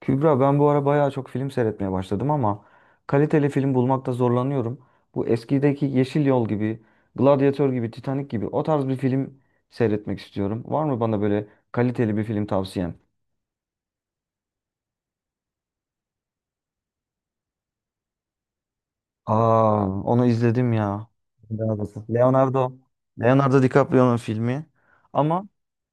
Kübra ben bu ara bayağı çok film seyretmeye başladım ama kaliteli film bulmakta zorlanıyorum. Bu eskideki Yeşil Yol gibi, Gladiator gibi, Titanic gibi o tarz bir film seyretmek istiyorum. Var mı bana böyle kaliteli bir film tavsiyen? Aa, onu izledim ya. Leonardo. Leonardo. Leonardo DiCaprio'nun filmi. Ama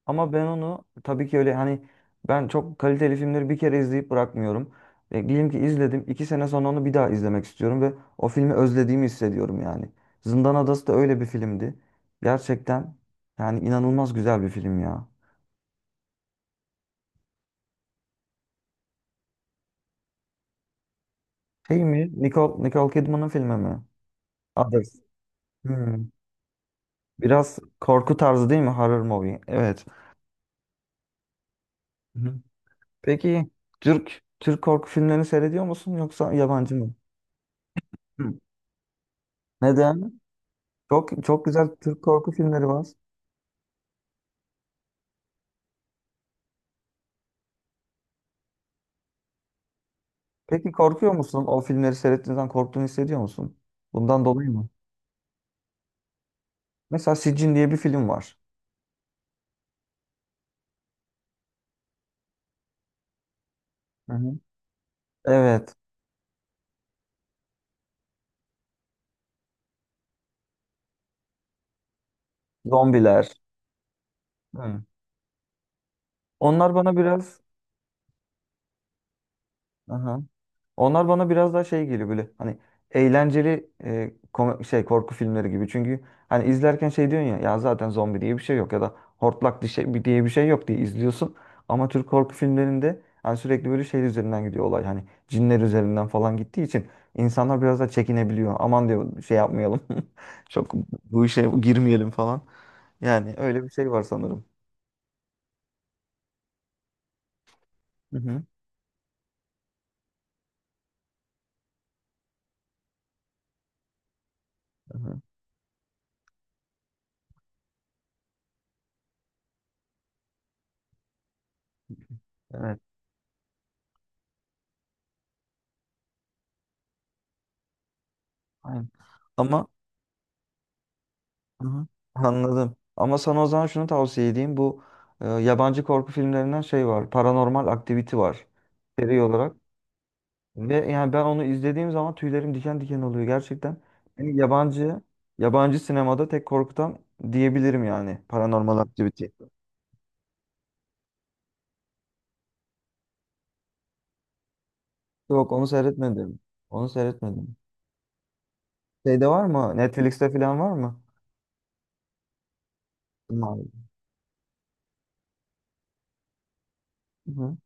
ama ben onu tabii ki öyle hani ben çok kaliteli filmleri bir kere izleyip bırakmıyorum. Diyelim ki izledim. İki sene sonra onu bir daha izlemek istiyorum ve o filmi özlediğimi hissediyorum yani. Zindan Adası da öyle bir filmdi. Gerçekten yani inanılmaz güzel bir film ya. Şey mi? Nicole Kidman'ın filmi mi? Others. Hmm. Biraz korku tarzı değil mi? Horror movie. Evet. Peki Türk korku filmlerini seyrediyor musun yoksa yabancı mı? Hı. Neden? Çok çok güzel Türk korku filmleri var. Peki korkuyor musun? O filmleri seyrettiğin zaman korktuğunu hissediyor musun? Bundan dolayı mı? Mesela Sicin diye bir film var. Hı hı. Evet. Zombiler. Hı. Onlar bana biraz. Aha. Onlar bana biraz daha şey geliyor böyle hani eğlenceli, şey korku filmleri gibi. Çünkü hani izlerken şey diyorsun ya, ya zaten zombi diye bir şey yok ya da hortlak diye bir şey yok diye izliyorsun. Ama Türk korku filmlerinde hani sürekli böyle şey üzerinden gidiyor olay. Hani cinler üzerinden falan gittiği için insanlar biraz da çekinebiliyor. Aman diyor şey yapmayalım. Çok bu işe girmeyelim falan. Yani öyle bir şey var sanırım. Hı hı. Hı hı. Evet. Aynen. Ama Aha. Anladım. Ama sana o zaman şunu tavsiye edeyim. Bu yabancı korku filmlerinden şey var. Paranormal Activity var. Seri olarak. Ve yani ben onu izlediğim zaman tüylerim diken diken oluyor gerçekten. Beni yabancı sinemada tek korkutan diyebilirim yani Paranormal Activity. Yok, onu seyretmedim. Onu seyretmedim. Şeyde var mı? Netflix'te falan var mı? Var. Hı.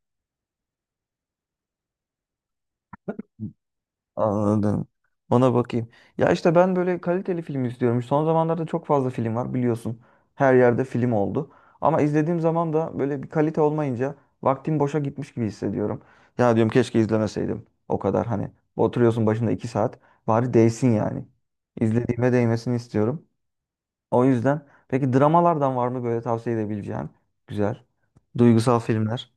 Anladım. Ona bakayım. Ya işte ben böyle kaliteli film istiyorum. Son zamanlarda çok fazla film var biliyorsun. Her yerde film oldu. Ama izlediğim zaman da böyle bir kalite olmayınca vaktim boşa gitmiş gibi hissediyorum. Ya diyorum keşke izlemeseydim. O kadar hani oturuyorsun başında iki saat. Bari değsin yani. İzlediğime değmesini istiyorum. O yüzden peki dramalardan var mı böyle tavsiye edebileceğin? Güzel. Duygusal filmler.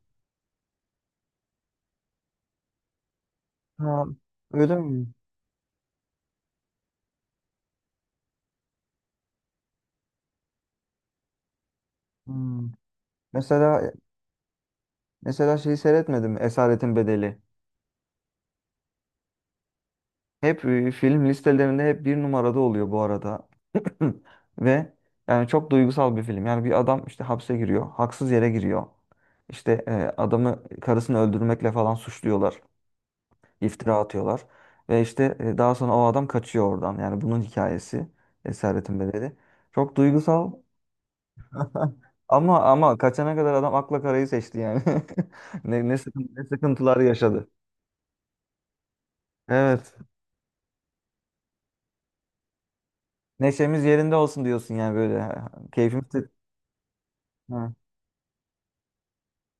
Ha, öyle mi? Hmm. Mesela mesela şeyi seyretmedim. Esaretin Bedeli. Hep film listelerinde hep bir numarada oluyor bu arada. Ve yani çok duygusal bir film. Yani bir adam işte hapse giriyor. Haksız yere giriyor. İşte adamı karısını öldürmekle falan suçluyorlar. İftira atıyorlar. Ve işte daha sonra o adam kaçıyor oradan. Yani bunun hikayesi Esaretin Bedeli. Çok duygusal. Ama kaçana kadar adam akla karayı seçti yani. Ne sıkıntı, ne sıkıntılar yaşadı. Evet. Neşemiz yerinde olsun diyorsun yani böyle. Ha, Keyfimiz...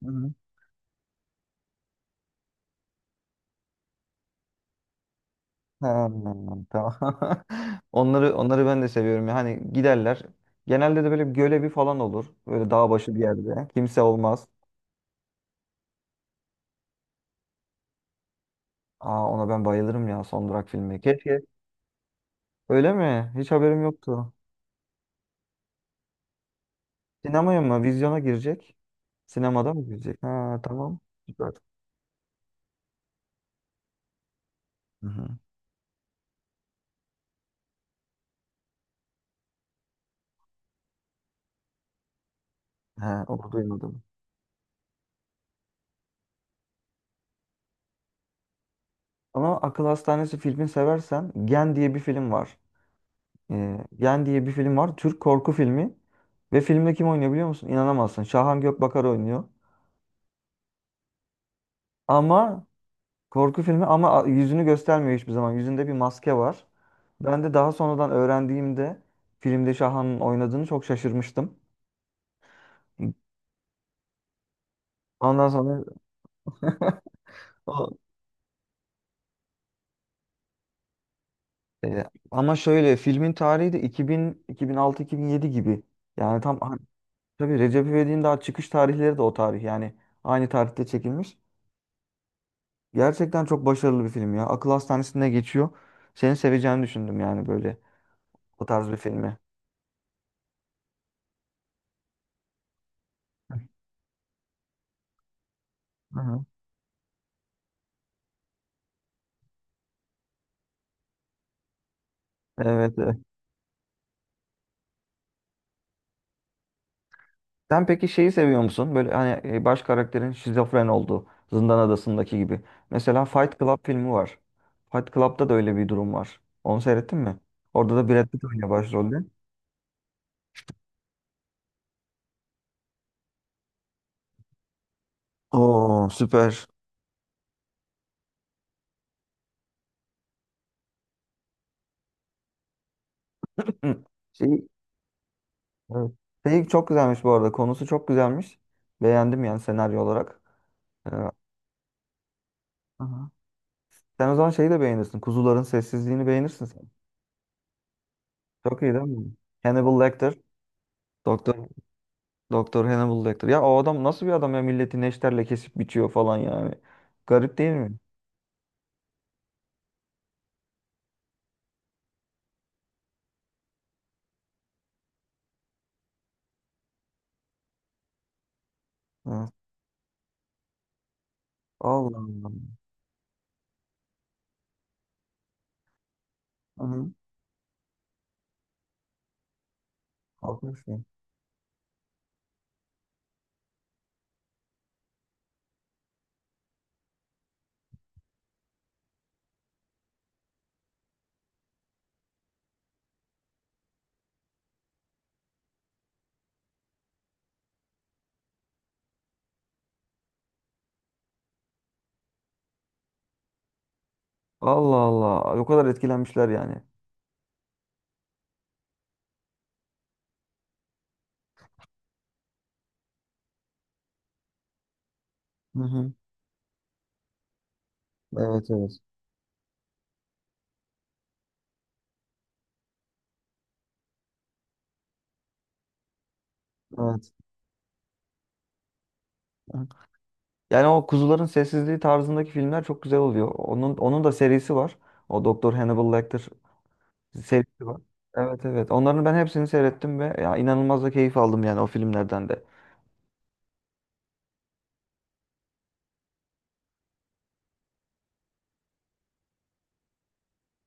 Hı hı. Ha, anladım, tamam. Onları ben de seviyorum ya. Hani giderler. Genelde de böyle gölevi falan olur. Böyle dağ başı bir yerde. Kimse olmaz. Aa, ona ben bayılırım ya, Son Durak filmi. Keşke. Öyle mi? Hiç haberim yoktu. Sinemaya mı? Vizyona girecek. Sinemada mı girecek? Ha, tamam. Süper. Hı hı. He, onu duymadım. Ama Akıl Hastanesi filmi seversen Gen diye bir film var. Gen diye bir film var. Türk korku filmi. Ve filmde kim oynuyor biliyor musun? İnanamazsın. Şahan Gökbakar oynuyor. Ama korku filmi, ama yüzünü göstermiyor hiçbir zaman. Yüzünde bir maske var. Ben de daha sonradan öğrendiğimde filmde Şahan'ın oynadığını çok şaşırmıştım. Ondan sonra o- e, ama şöyle filmin tarihi de 2000 2006-2007 gibi. Yani tam tabii Recep İvedik'in daha çıkış tarihleri de o tarih yani aynı tarihte çekilmiş. Gerçekten çok başarılı bir film ya. Akıl hastanesinde geçiyor. Seni seveceğini düşündüm yani böyle o tarz bir filmi. Hı hı. Evet. Sen peki şeyi seviyor musun? Böyle hani, baş karakterin şizofren olduğu Zindan Adası'ndaki gibi. Mesela Fight Club filmi var. Fight Club'da da öyle bir durum var. Onu seyrettin mi? Orada da Brad Pitt oynuyor başrolde. Oo, süper. Hı. Şey, evet. Şey çok güzelmiş bu arada. Konusu çok güzelmiş. Beğendim yani senaryo olarak. Ee, aha. Sen o zaman şeyi de beğenirsin. Kuzuların Sessizliğini beğenirsin sen. Çok iyi değil mi? Hannibal Lecter. doktor Doktor Hannibal Lecter. Ya o adam nasıl bir adam ya, milleti neşterle kesip biçiyor falan yani. Garip değil mi? Ha. Allah Allah. Hı-hı. Haklısın. Allah Allah. O kadar etkilenmişler yani. Hı-hı. Evet, evet. Evet. Hı. Yani o Kuzuların Sessizliği tarzındaki filmler çok güzel oluyor. Onun da serisi var. O Doktor Hannibal Lecter serisi var. Evet, evet. Onların ben hepsini seyrettim ve ya inanılmaz da keyif aldım yani o filmlerden de.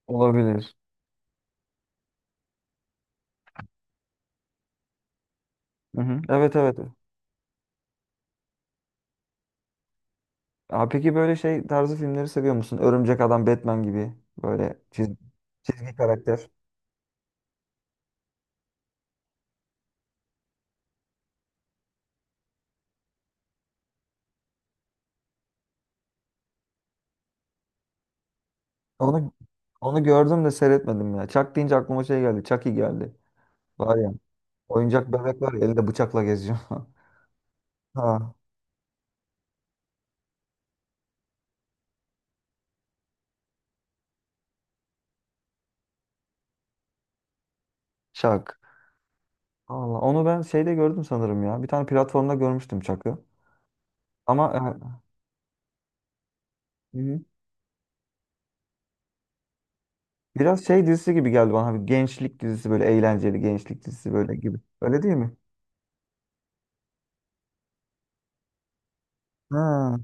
Olabilir. Hı hı. Evet, evet. Aa, peki böyle şey tarzı filmleri seviyor musun? Örümcek Adam, Batman gibi, böyle çizgi karakter. Onu onu gördüm de seyretmedim ya. Chuck deyince aklıma şey geldi. Chucky geldi. Var ya. Oyuncak bebek var ya, elinde bıçakla geziyor. Ha, Chuck. Allah, onu ben şeyde gördüm sanırım ya. Bir tane platformda görmüştüm Chuck'ı. Ama hı hı, biraz şey dizisi gibi geldi bana. Bir gençlik dizisi, böyle eğlenceli gençlik dizisi böyle gibi. Öyle değil mi? Ha.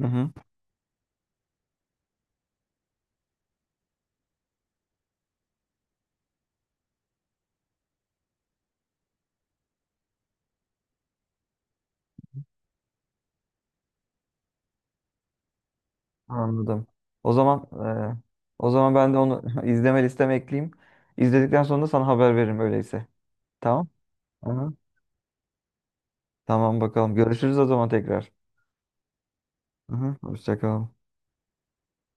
Hı hı. Anladım. O zaman e, o zaman ben de onu izleme listeme ekleyeyim. İzledikten sonra da sana haber veririm öyleyse. Tamam? Aha. Tamam, bakalım. Görüşürüz o zaman tekrar. Aha. Hoşça kal.